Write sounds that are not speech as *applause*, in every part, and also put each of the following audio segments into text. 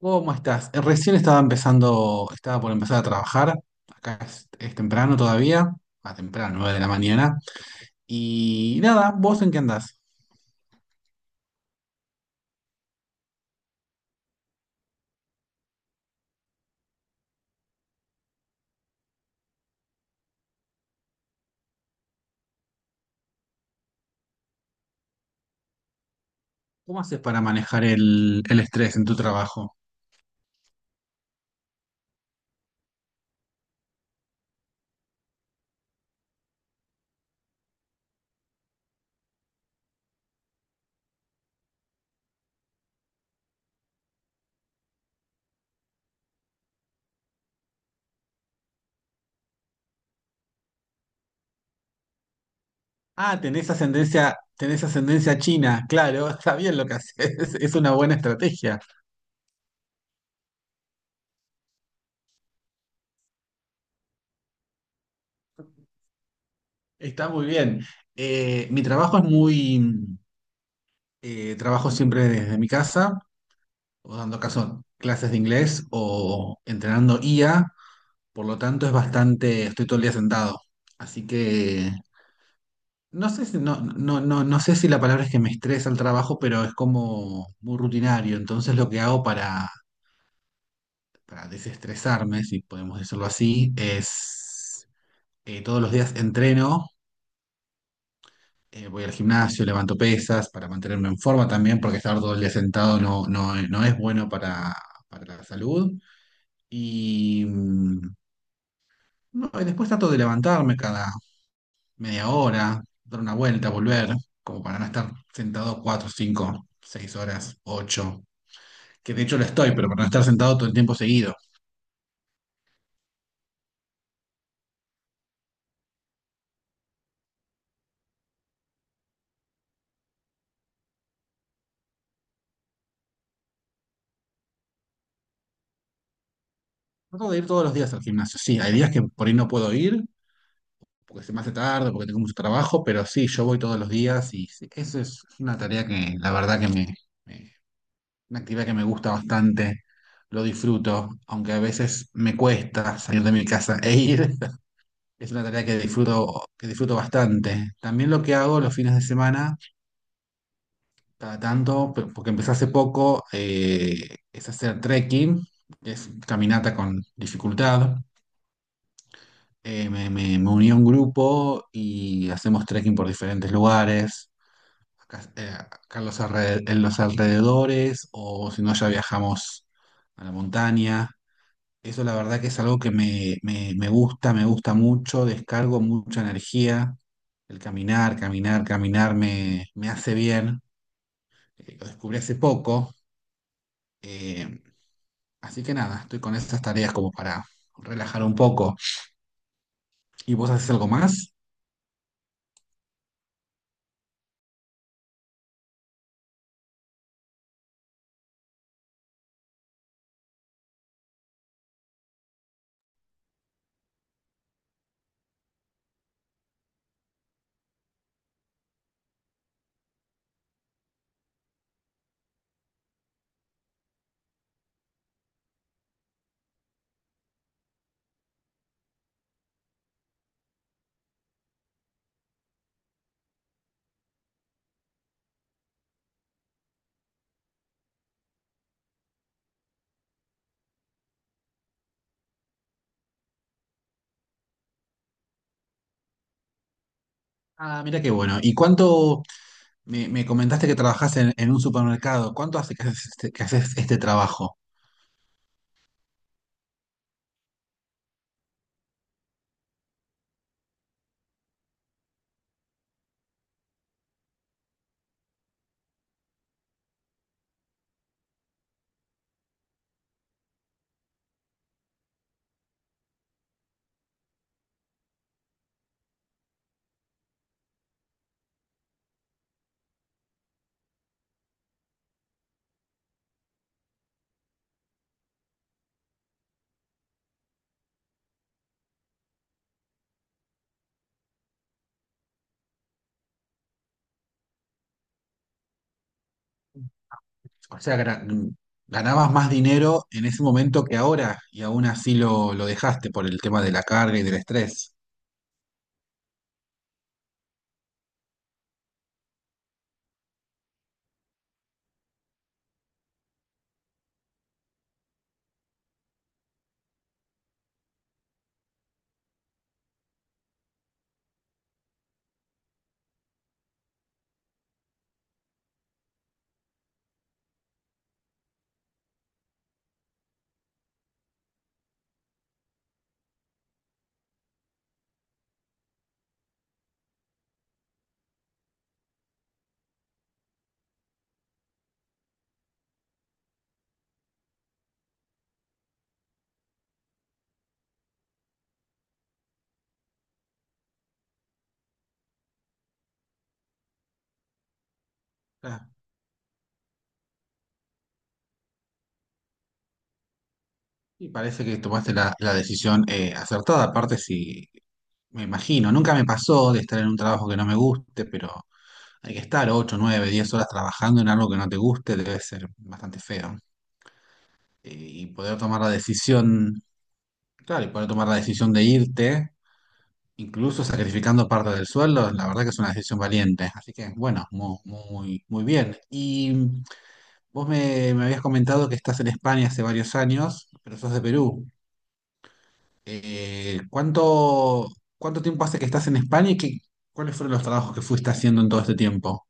¿Cómo estás? Recién estaba empezando, estaba por empezar a trabajar. Acá es temprano todavía, 9 de la mañana. Y nada, ¿vos en qué andás? ¿Cómo haces para manejar el estrés en tu trabajo? Ah, tenés ascendencia china, claro, *laughs* está bien lo que haces, es una buena estrategia, está muy bien. Mi trabajo trabajo siempre desde mi casa, o dando caso clases de inglés o entrenando IA. Por lo tanto, es bastante, estoy todo el día sentado. Así que no sé si, no, no, no, no sé si la palabra es que me estresa el trabajo, pero es como muy rutinario. Entonces lo que hago para, desestresarme, si podemos decirlo así, es todos los días entreno, voy al gimnasio, levanto pesas para mantenerme en forma también, porque estar todo el día sentado no es bueno para la salud. Y no, y después trato de levantarme cada media hora, dar una vuelta, volver, como para no estar sentado cuatro, cinco, seis horas, ocho, que de hecho lo estoy, pero para no estar sentado todo el tiempo seguido. Trato de ir todos los días al gimnasio. Sí, hay días que por ahí no puedo ir, porque se me hace tarde, porque tengo mucho trabajo, pero sí, yo voy todos los días y sí, eso es una tarea que la verdad que me- una actividad que me gusta bastante, lo disfruto, aunque a veces me cuesta salir de mi casa e ir. Es una tarea que disfruto bastante. También lo que hago los fines de semana, cada tanto, porque empecé hace poco, es hacer trekking, que es caminata con dificultad. Me uní a un grupo y hacemos trekking por diferentes lugares, acá, en los alrededores, o si no, ya viajamos a la montaña. Eso la verdad que es algo que me gusta mucho, descargo mucha energía. El caminar, caminar, caminar me hace bien. Lo descubrí hace poco. eh, Así que nada, estoy con estas tareas como para relajar un poco. ¿Y vos haces algo más? Ah, mira qué bueno. ¿Y cuánto me comentaste que trabajás en un supermercado? ¿Cuánto hace que haces este trabajo? O sea, ganabas más dinero en ese momento que ahora y aún así lo dejaste por el tema de la carga y del estrés. Ah, y parece que tomaste la decisión acertada, aparte si me imagino, nunca me pasó de estar en un trabajo que no me guste, pero hay que estar 8 9 10 horas trabajando en algo que no te guste, debe ser bastante feo. Eh, Y poder tomar la decisión, Claro, y poder tomar la decisión de irte incluso sacrificando parte del sueldo, la verdad que es una decisión valiente. Así que, bueno, muy, muy, bien. Y vos me habías comentado que estás en España hace varios años, pero sos de Perú. Eh, ¿cuánto, cuánto tiempo hace que estás en España y cuáles fueron los trabajos que fuiste haciendo en todo este tiempo?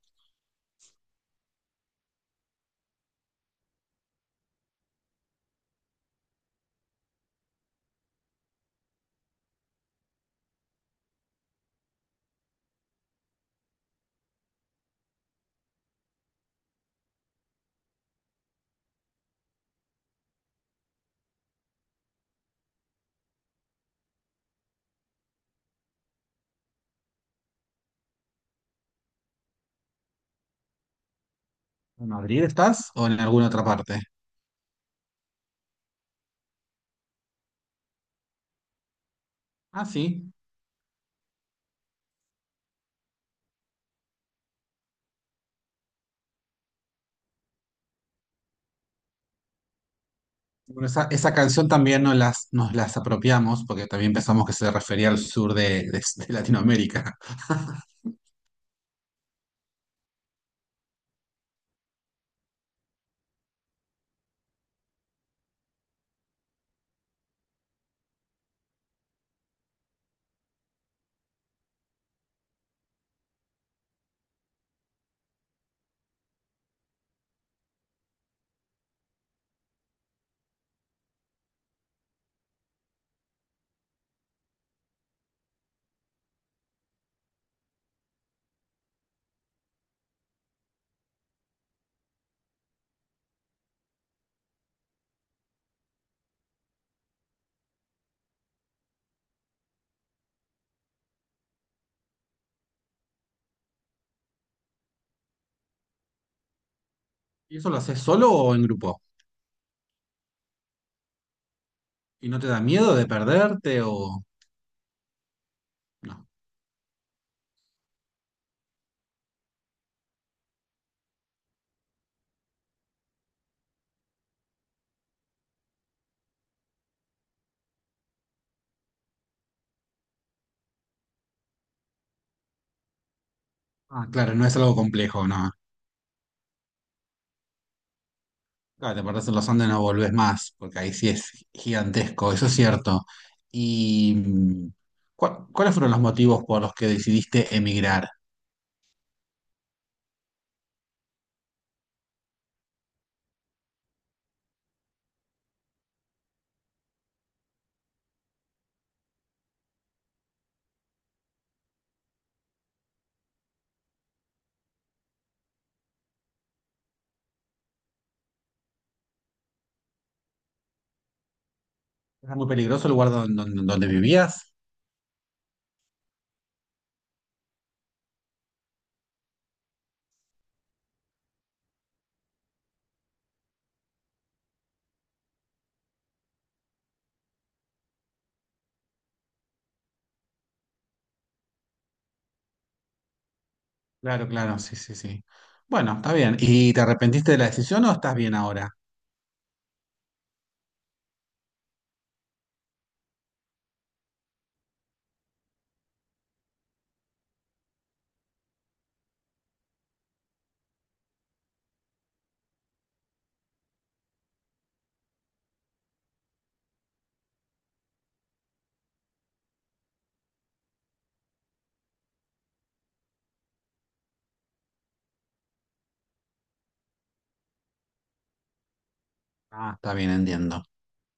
¿En Madrid estás o en alguna otra parte? Ah, sí. Bueno, esa canción también nos las apropiamos porque también pensamos que se refería al sur de, de Latinoamérica. ¿Y eso lo haces solo o en grupo? ¿Y no te da miedo de perderte o no? Ah, claro, no es algo complejo, no. Claro, te perdés en los Andes, y no volvés más, porque ahí sí es gigantesco, eso es cierto. ¿Y cuáles fueron los motivos por los que decidiste emigrar? ¿Era muy peligroso el lugar donde vivías? Claro, claro, sí, sí, sí. Bueno, está bien. ¿Y te arrepentiste de la decisión o estás bien ahora? Ah, está bien, entiendo.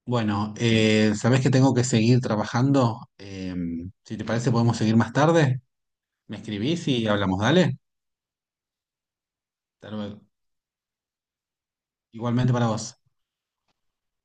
Bueno, ¿sabés que tengo que seguir trabajando? Si te parece, podemos seguir más tarde. Me escribís y hablamos, dale. Hasta luego. Igualmente para vos.